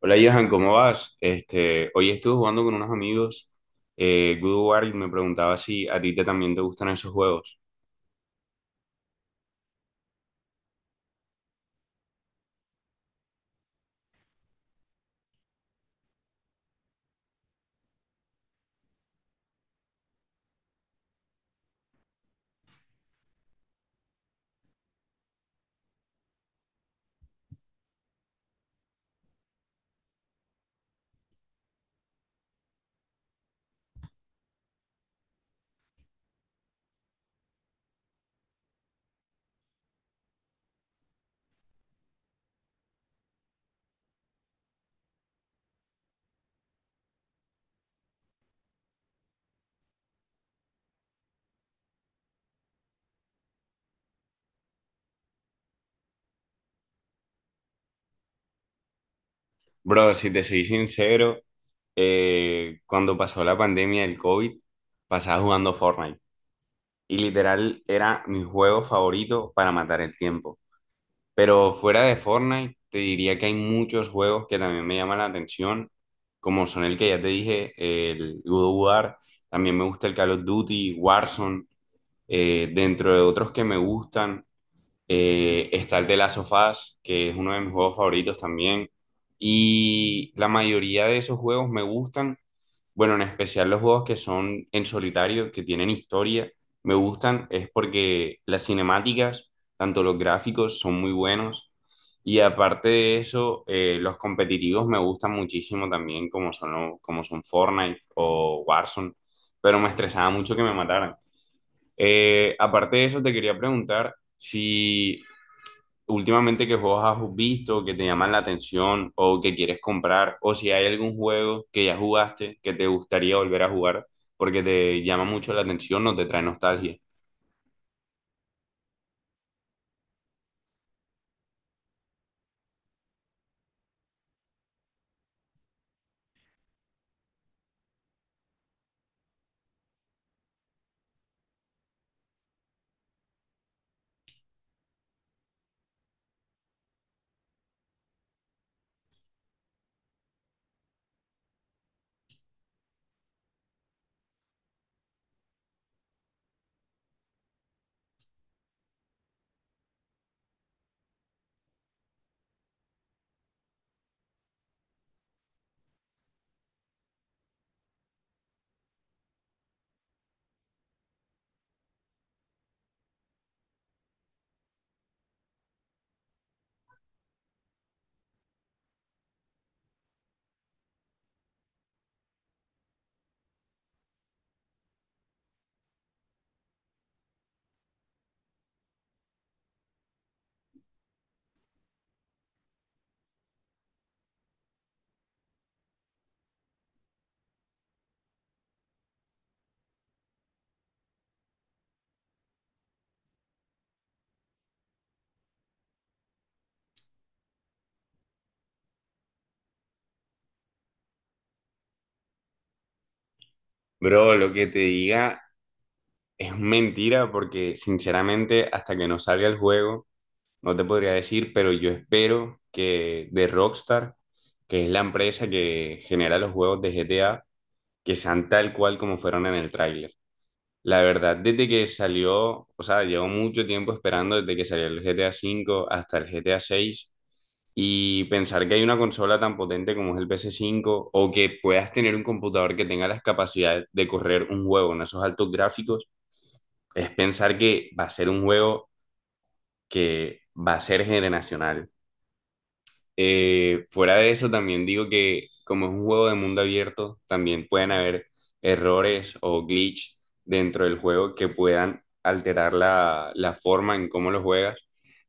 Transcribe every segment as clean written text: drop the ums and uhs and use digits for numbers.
Hola, Johan, ¿cómo vas? Este, hoy estuve jugando con unos amigos Good War y me preguntaba si a ti también te gustan esos juegos. Bro, si te soy sincero, cuando pasó la pandemia del COVID, pasaba jugando Fortnite y literal era mi juego favorito para matar el tiempo. Pero fuera de Fortnite, te diría que hay muchos juegos que también me llaman la atención, como son el que ya te dije, el Good War, también me gusta el Call of Duty, Warzone. Dentro de otros que me gustan, está el de Last of Us, que es uno de mis juegos favoritos también. Y la mayoría de esos juegos me gustan. Bueno, en especial los juegos que son en solitario, que tienen historia, me gustan. Es porque las cinemáticas, tanto los gráficos, son muy buenos. Y aparte de eso, los competitivos me gustan muchísimo también, como son, como son Fortnite o Warzone. Pero me estresaba mucho que me mataran. Aparte de eso, te quería preguntar, si últimamente qué juegos has visto que te llaman la atención o que quieres comprar, o si hay algún juego que ya jugaste que te gustaría volver a jugar porque te llama mucho la atención o te trae nostalgia. Bro, lo que te diga es mentira porque sinceramente hasta que no salga el juego no te podría decir, pero yo espero que de Rockstar, que es la empresa que genera los juegos de GTA, que sean tal cual como fueron en el tráiler. La verdad, desde que salió, o sea, llevo mucho tiempo esperando desde que salió el GTA V hasta el GTA seis y pensar que hay una consola tan potente como es el ps cinco o que puedas tener un computador que tenga las capacidades de correr un juego en esos altos gráficos, es pensar que va a ser un juego que va a ser generacional. Fuera de eso, también digo que como es un juego de mundo abierto, también pueden haber errores o glitch dentro del juego que puedan alterar la forma en cómo lo juegas.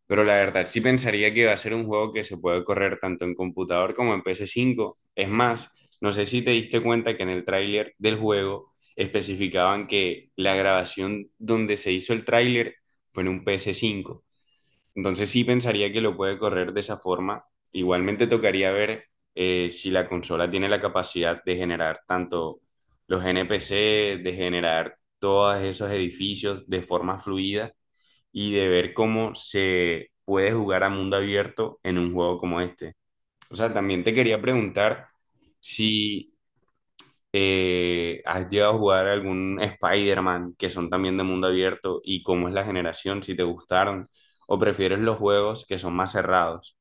Pero la verdad, sí pensaría que va a ser un juego que se puede correr tanto en computador como en ps cinco. Es más, no sé si te diste cuenta que en el tráiler del juego especificaban que la grabación donde se hizo el tráiler fue en un ps cinco, entonces sí pensaría que lo puede correr de esa forma. Igualmente tocaría ver si la consola tiene la capacidad de generar tanto los NPC, de generar todos esos edificios de forma fluida y de ver cómo se puede jugar a mundo abierto en un juego como este. O sea, también te quería preguntar si ¿has llegado a jugar algún Spider-Man que son también de mundo abierto y cómo es la generación, si te gustaron o prefieres los juegos que son más cerrados?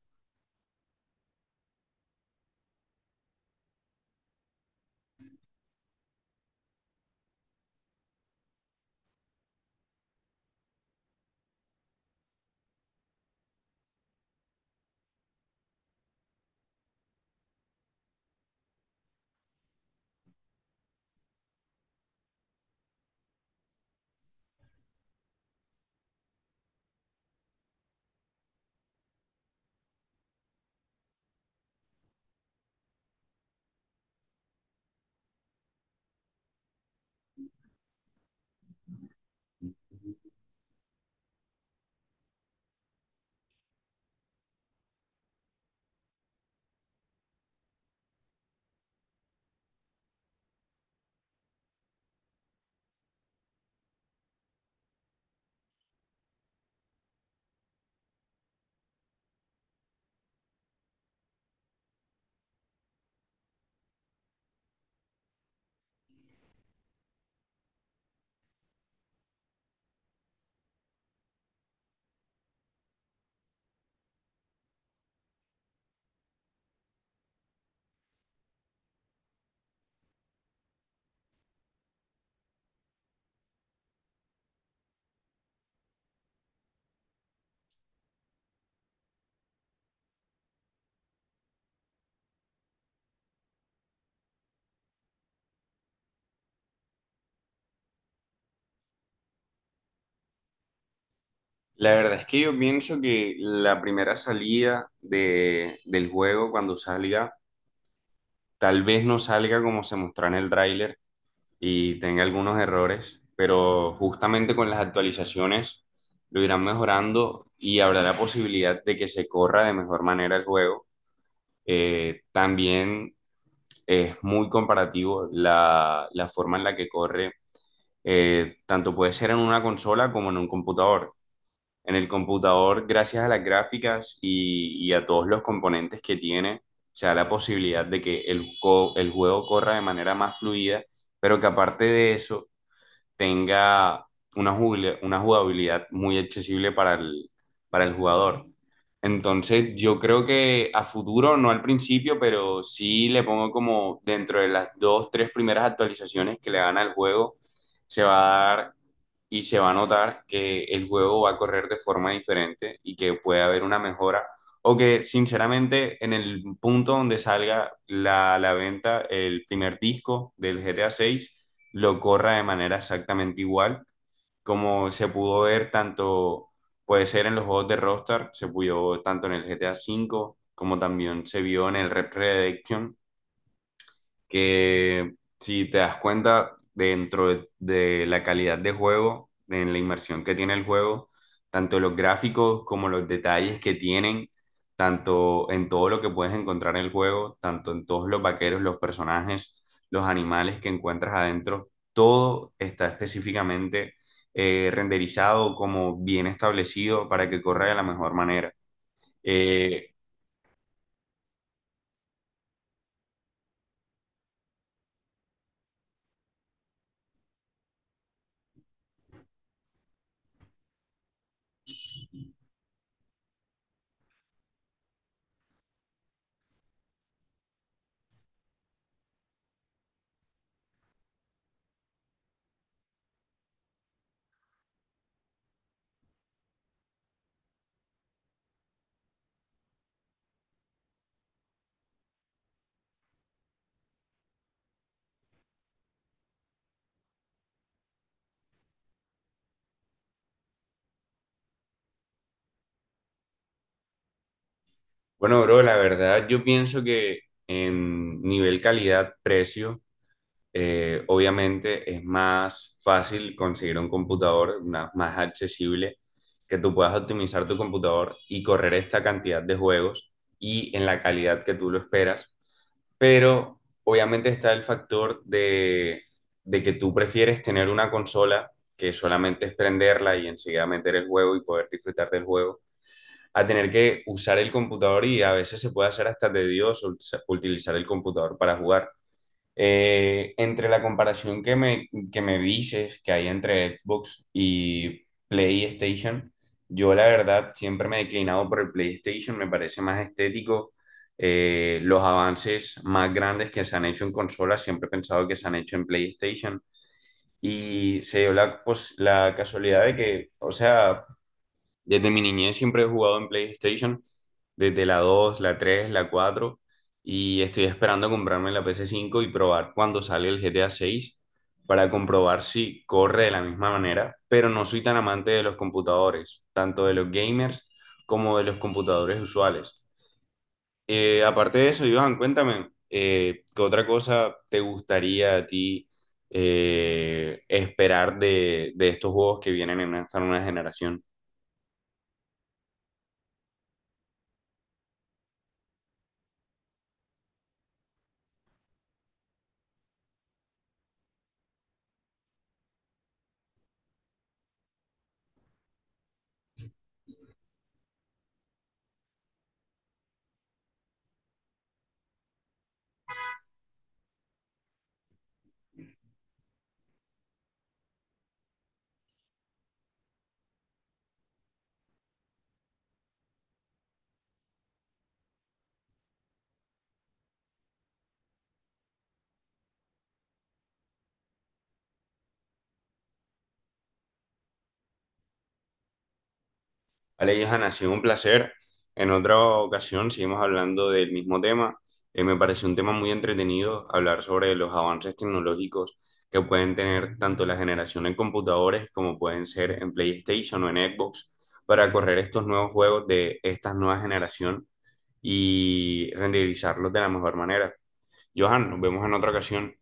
La verdad es que yo pienso que la primera salida del juego cuando salga, tal vez no salga como se mostró en el tráiler y tenga algunos errores, pero justamente con las actualizaciones lo irán mejorando y habrá la posibilidad de que se corra de mejor manera el juego. También es muy comparativo la forma en la que corre, tanto puede ser en una consola como en un computador. En el computador, gracias a las gráficas y a todos los componentes que tiene, se da la posibilidad de que el juego corra de manera más fluida, pero que aparte de eso, tenga una jugabilidad muy accesible para el jugador. Entonces, yo creo que a futuro, no al principio, pero sí le pongo como dentro de las dos, tres primeras actualizaciones que le dan al juego, se va a dar y se va a notar que el juego va a correr de forma diferente y que puede haber una mejora. O que sinceramente en el punto donde salga la venta el primer disco del GTA 6, lo corra de manera exactamente igual, como se pudo ver tanto, puede ser en los juegos de Rockstar, se pudo tanto en el GTA cinco como también se vio en el Red Redemption, que si te das cuenta dentro de la calidad de juego, en la inmersión que tiene el juego, tanto los gráficos como los detalles que tienen, tanto en todo lo que puedes encontrar en el juego, tanto en todos los vaqueros, los personajes, los animales que encuentras adentro, todo está específicamente renderizado como bien establecido para que corra de la mejor manera. Eh, Bueno, bro, la verdad yo pienso que en nivel calidad-precio, obviamente es más fácil conseguir un computador más accesible, que tú puedas optimizar tu computador y correr esta cantidad de juegos y en la calidad que tú lo esperas. Pero obviamente está el factor de, que tú prefieres tener una consola que solamente es prenderla y enseguida meter el juego y poder disfrutar del juego a tener que usar el computador y a veces se puede hacer hasta tedioso utilizar el computador para jugar. Entre la comparación que me dices que hay entre Xbox y PlayStation, yo la verdad siempre me he declinado por el PlayStation, me parece más estético. Los avances más grandes que se han hecho en consolas, siempre he pensado que se han hecho en PlayStation. Y se dio la, pues, la casualidad de que, o sea, desde mi niñez siempre he jugado en PlayStation, desde la 2, la 3, la 4, y estoy esperando comprarme la pc cinco y probar cuando sale el GTA seis para comprobar si corre de la misma manera, pero no soy tan amante de los computadores, tanto de los gamers como de los computadores usuales. Aparte de eso, Iván, cuéntame, ¿qué otra cosa te gustaría a ti esperar de, estos juegos que vienen en esta nueva generación? Vale, Johan, ha sido un placer. En otra ocasión seguimos hablando del mismo tema. Me parece un tema muy entretenido hablar sobre los avances tecnológicos que pueden tener tanto la generación en computadores como pueden ser en PlayStation o en Xbox para correr estos nuevos juegos de esta nueva generación y renderizarlos de la mejor manera. Johan, nos vemos en otra ocasión.